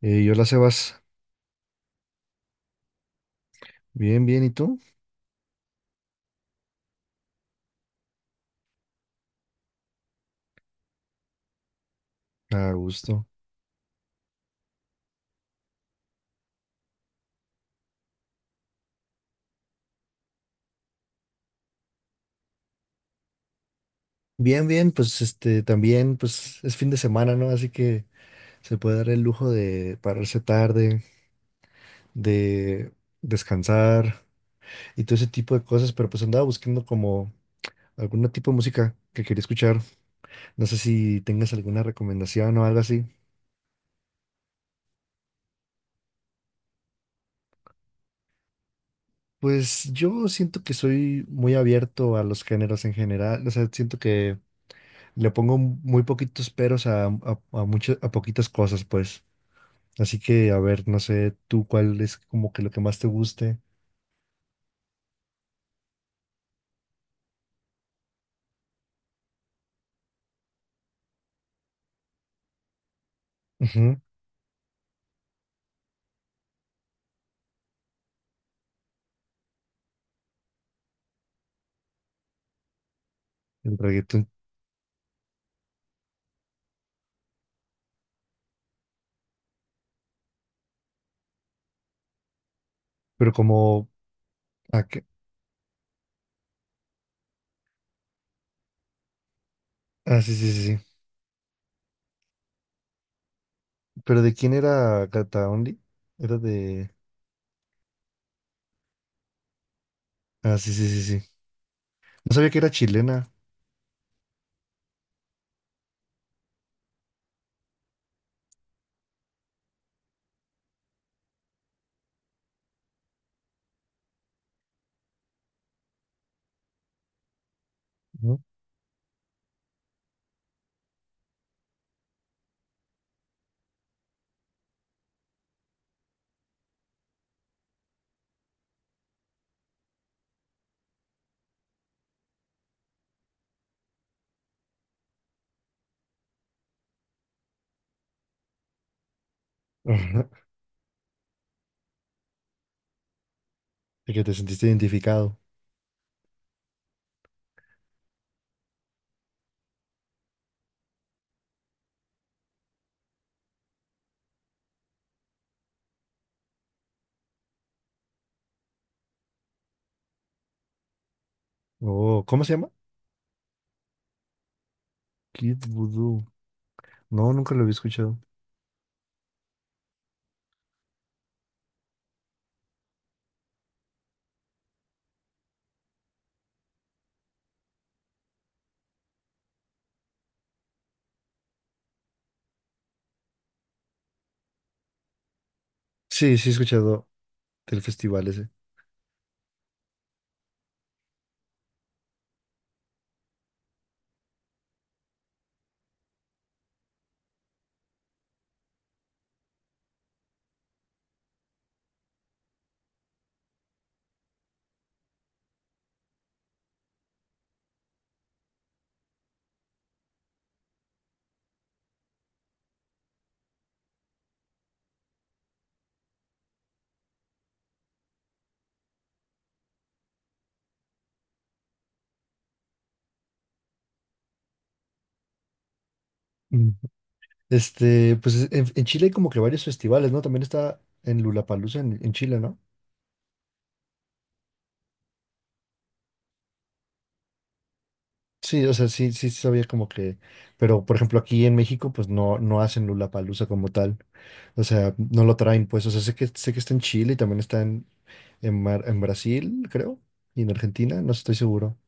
Hola Sebas, bien, bien, ¿y tú? A gusto. Bien, bien, pues este también, pues es fin de semana, ¿no? Así que se puede dar el lujo de pararse tarde, de descansar y todo ese tipo de cosas, pero pues andaba buscando como algún tipo de música que quería escuchar. No sé si tengas alguna recomendación o algo así. Pues yo siento que soy muy abierto a los géneros en general, o sea, siento que le pongo muy poquitos peros a poquitas cosas, pues. Así que, a ver, no sé tú cuál es como que lo que más te guste. Ujú, el reggaetón. Pero como... Ah, ah, sí, sí, sí, sí. ¿Pero de quién era Gata Only? Era de... Ah, sí, sí, sí, sí. No sabía que era chilena. Ujú. Ajá, de que te sentiste identificado. Oh, ¿cómo se llama? Kid Voodoo. No, nunca lo había escuchado. Sí, sí he escuchado del festival ese. Mm. Pues en Chile hay como que varios festivales, ¿no? También está en Lollapalooza en Chile, ¿no? Sí, o sea, sí, sí sabía como que, pero por ejemplo aquí en México pues no, no hacen Lollapalooza como tal, o sea, no lo traen pues, o sea, sé que está en Chile y también está en, en Brasil, creo, y en Argentina, no estoy seguro.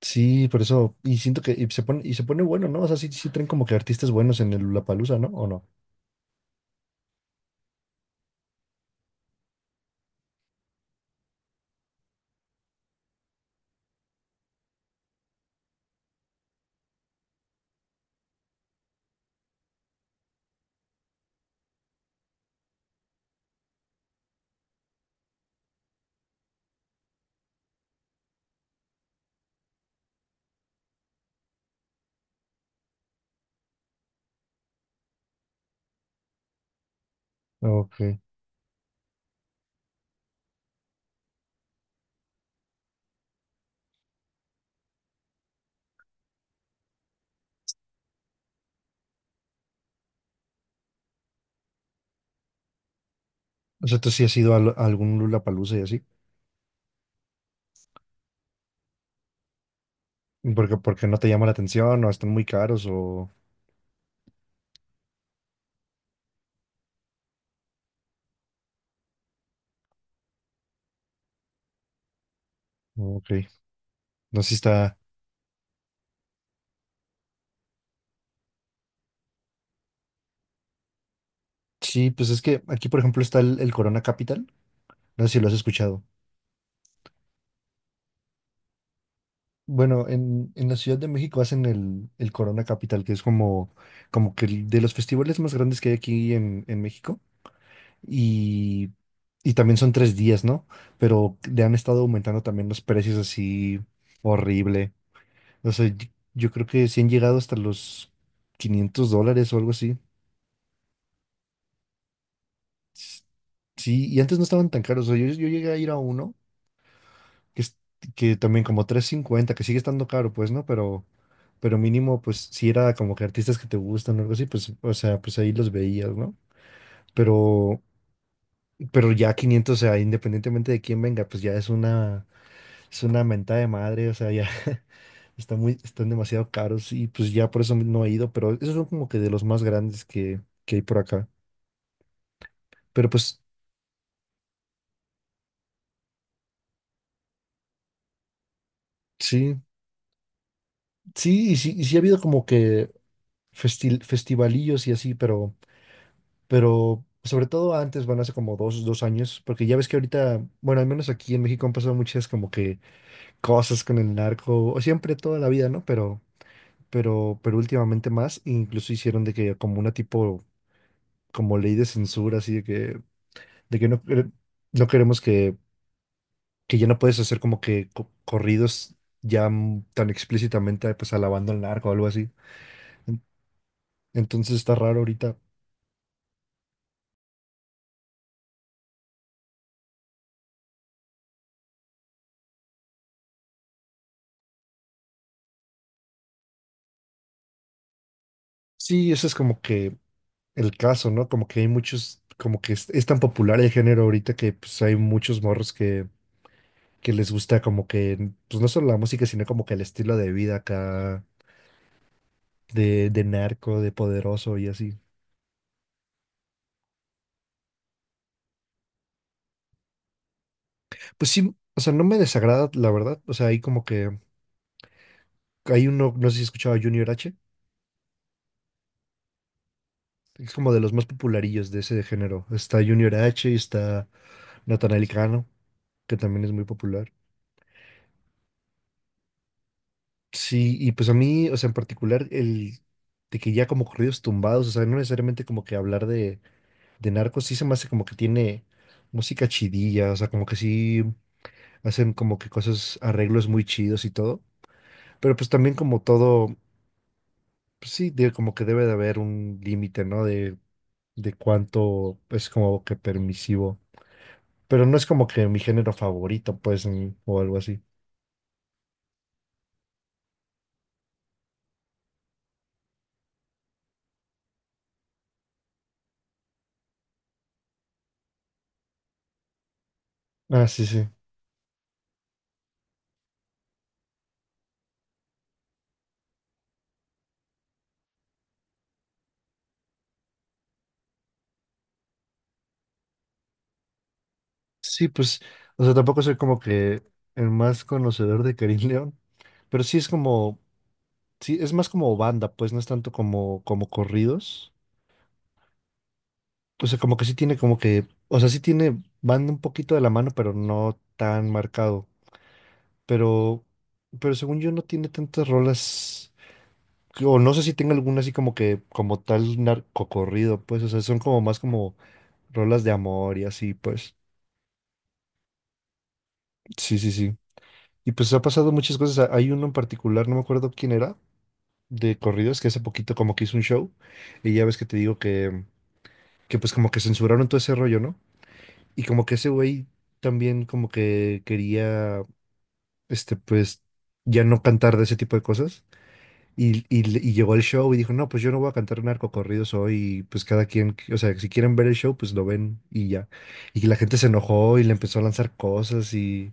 Sí, por eso, y siento que y se pone bueno, ¿no? O sea, sí, sí traen como que artistas buenos en el Lollapalooza, ¿no? ¿O no? Ok. O sea, tú sí has ido a, a algún Lollapalooza y así, porque no te llama la atención o están muy caros o... Ok, no sé si está... Sí, pues es que aquí, por ejemplo, está el Corona Capital. No sé si lo has escuchado. Bueno, en la Ciudad de México hacen el Corona Capital, que es como, como que el de los festivales más grandes que hay aquí en México. Y, y también son 3 días, ¿no? Pero le han estado aumentando también los precios así horrible. O sea, yo creo que sí han llegado hasta los 500 dólares o algo así. S- Sí, y antes no estaban tan caros. O sea, yo llegué a ir a uno que, es- que también como 350 que sigue estando caro, pues, ¿no? Pero mínimo, pues, si era como que artistas que te gustan o algo así, pues, o sea, pues ahí los veías, ¿no? Pero, pero ya 500 o sea, independientemente de quién venga, pues ya es una mentada de madre, o sea, ya está muy, están demasiado caros y pues ya por eso no he ido, pero esos son como que de los más grandes que hay por acá. Pero pues sí, sí, y sí, y sí ha habido como que festivalillos y así, pero sobre todo antes, van hace como dos años, porque ya ves que ahorita, bueno, al menos aquí en México han pasado muchas como que cosas con el narco, o siempre toda la vida, ¿no? Pero últimamente más, e incluso hicieron de que como una tipo, como ley de censura, así de que no queremos que ya no puedes hacer como que corridos ya tan explícitamente, pues alabando al narco o algo así. En- Entonces está raro ahorita. Sí, eso es como que el caso, ¿no? Como que hay muchos, como que es tan popular el género ahorita que pues hay muchos morros que les gusta como que, pues no solo la música, sino como que el estilo de vida acá, de narco, de poderoso y así. Pues sí, o sea, no me desagrada, la verdad. O sea, hay como que, hay uno, no sé si escuchaba Junior H, es como de los más popularillos de ese género. Está Junior H y está Natanael Cano, que también es muy popular. Sí, y pues a mí, o sea, en particular, el de que ya como corridos tumbados, o sea, no necesariamente como que hablar de narcos, sí se me hace como que tiene música chidilla, o sea, como que sí hacen como que cosas, arreglos muy chidos y todo, pero pues también como todo, pues sí, de, como que debe de haber un límite, ¿no? De cuánto es como que permisivo, pero no es como que mi género favorito, pues, ni- o algo así. Ah, sí, sí. Sí, pues, o sea, tampoco soy como que el más conocedor de Karim León, pero sí es como, sí, es más como banda, pues no es tanto como, como corridos. O sea, como que sí tiene como que, o sea, sí tiene banda un poquito de la mano, pero no tan marcado. Pero, pero según yo no tiene tantas rolas, o no sé si tenga alguna así como que, como tal narcocorrido, pues, o sea, son como más como rolas de amor y así, pues. Sí, sí, sí. Y pues ha pasado muchas cosas. Hay uno en particular, no me acuerdo quién era, de corridos que hace poquito como que hizo un show y ya ves que te digo que pues como que censuraron todo ese rollo, ¿no? Y como que ese güey también como que quería, este, pues ya no cantar de ese tipo de cosas y llegó al show y dijo, no, pues yo no voy a cantar narcocorridos hoy, pues cada quien, o sea, si quieren ver el show, pues lo ven y ya. Y la gente se enojó y le empezó a lanzar cosas y,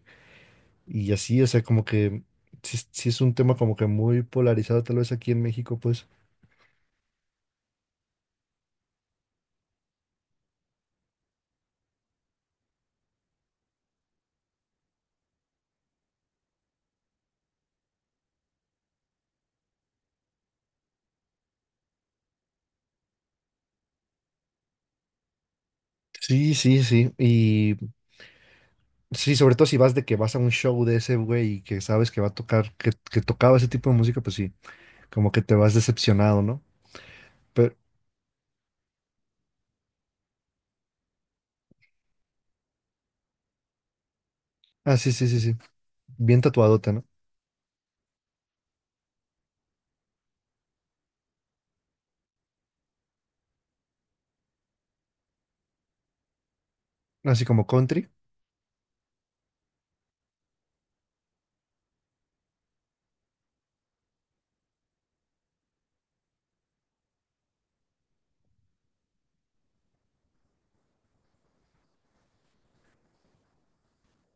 y así, o sea, como que... Sí, sí es un tema como que muy polarizado tal vez aquí en México, pues. Sí, sí, sí. Y sí, sobre todo si vas de que vas a un show de ese güey y que sabes que va a tocar, que tocaba ese tipo de música, pues sí, como que te vas decepcionado, ¿no? Pero, ah, sí, sí, sí, sí. Bien tatuadote, ¿no? Así como country.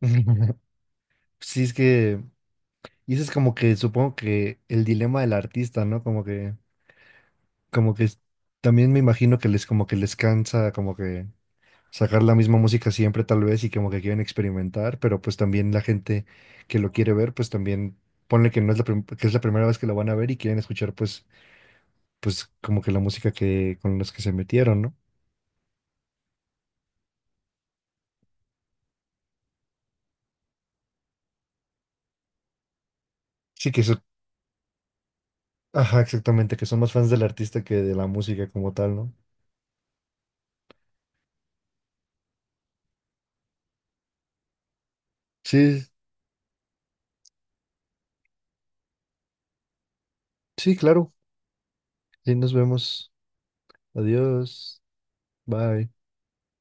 Sí, es que, y eso es como que supongo que el dilema del artista, ¿no? Como que, como que es- también me imagino que les, como que les cansa, como que sacar la misma música siempre tal vez y como que quieren experimentar, pero pues también la gente que lo quiere ver, pues también ponle que no es que es la primera vez que lo van a ver y quieren escuchar pues como que la música que con los que se metieron, ¿no? Sí que eso, ajá, exactamente, que son más fans del artista que de la música como tal, ¿no? Sí, sí, claro. Sí, nos vemos. Adiós. Bye.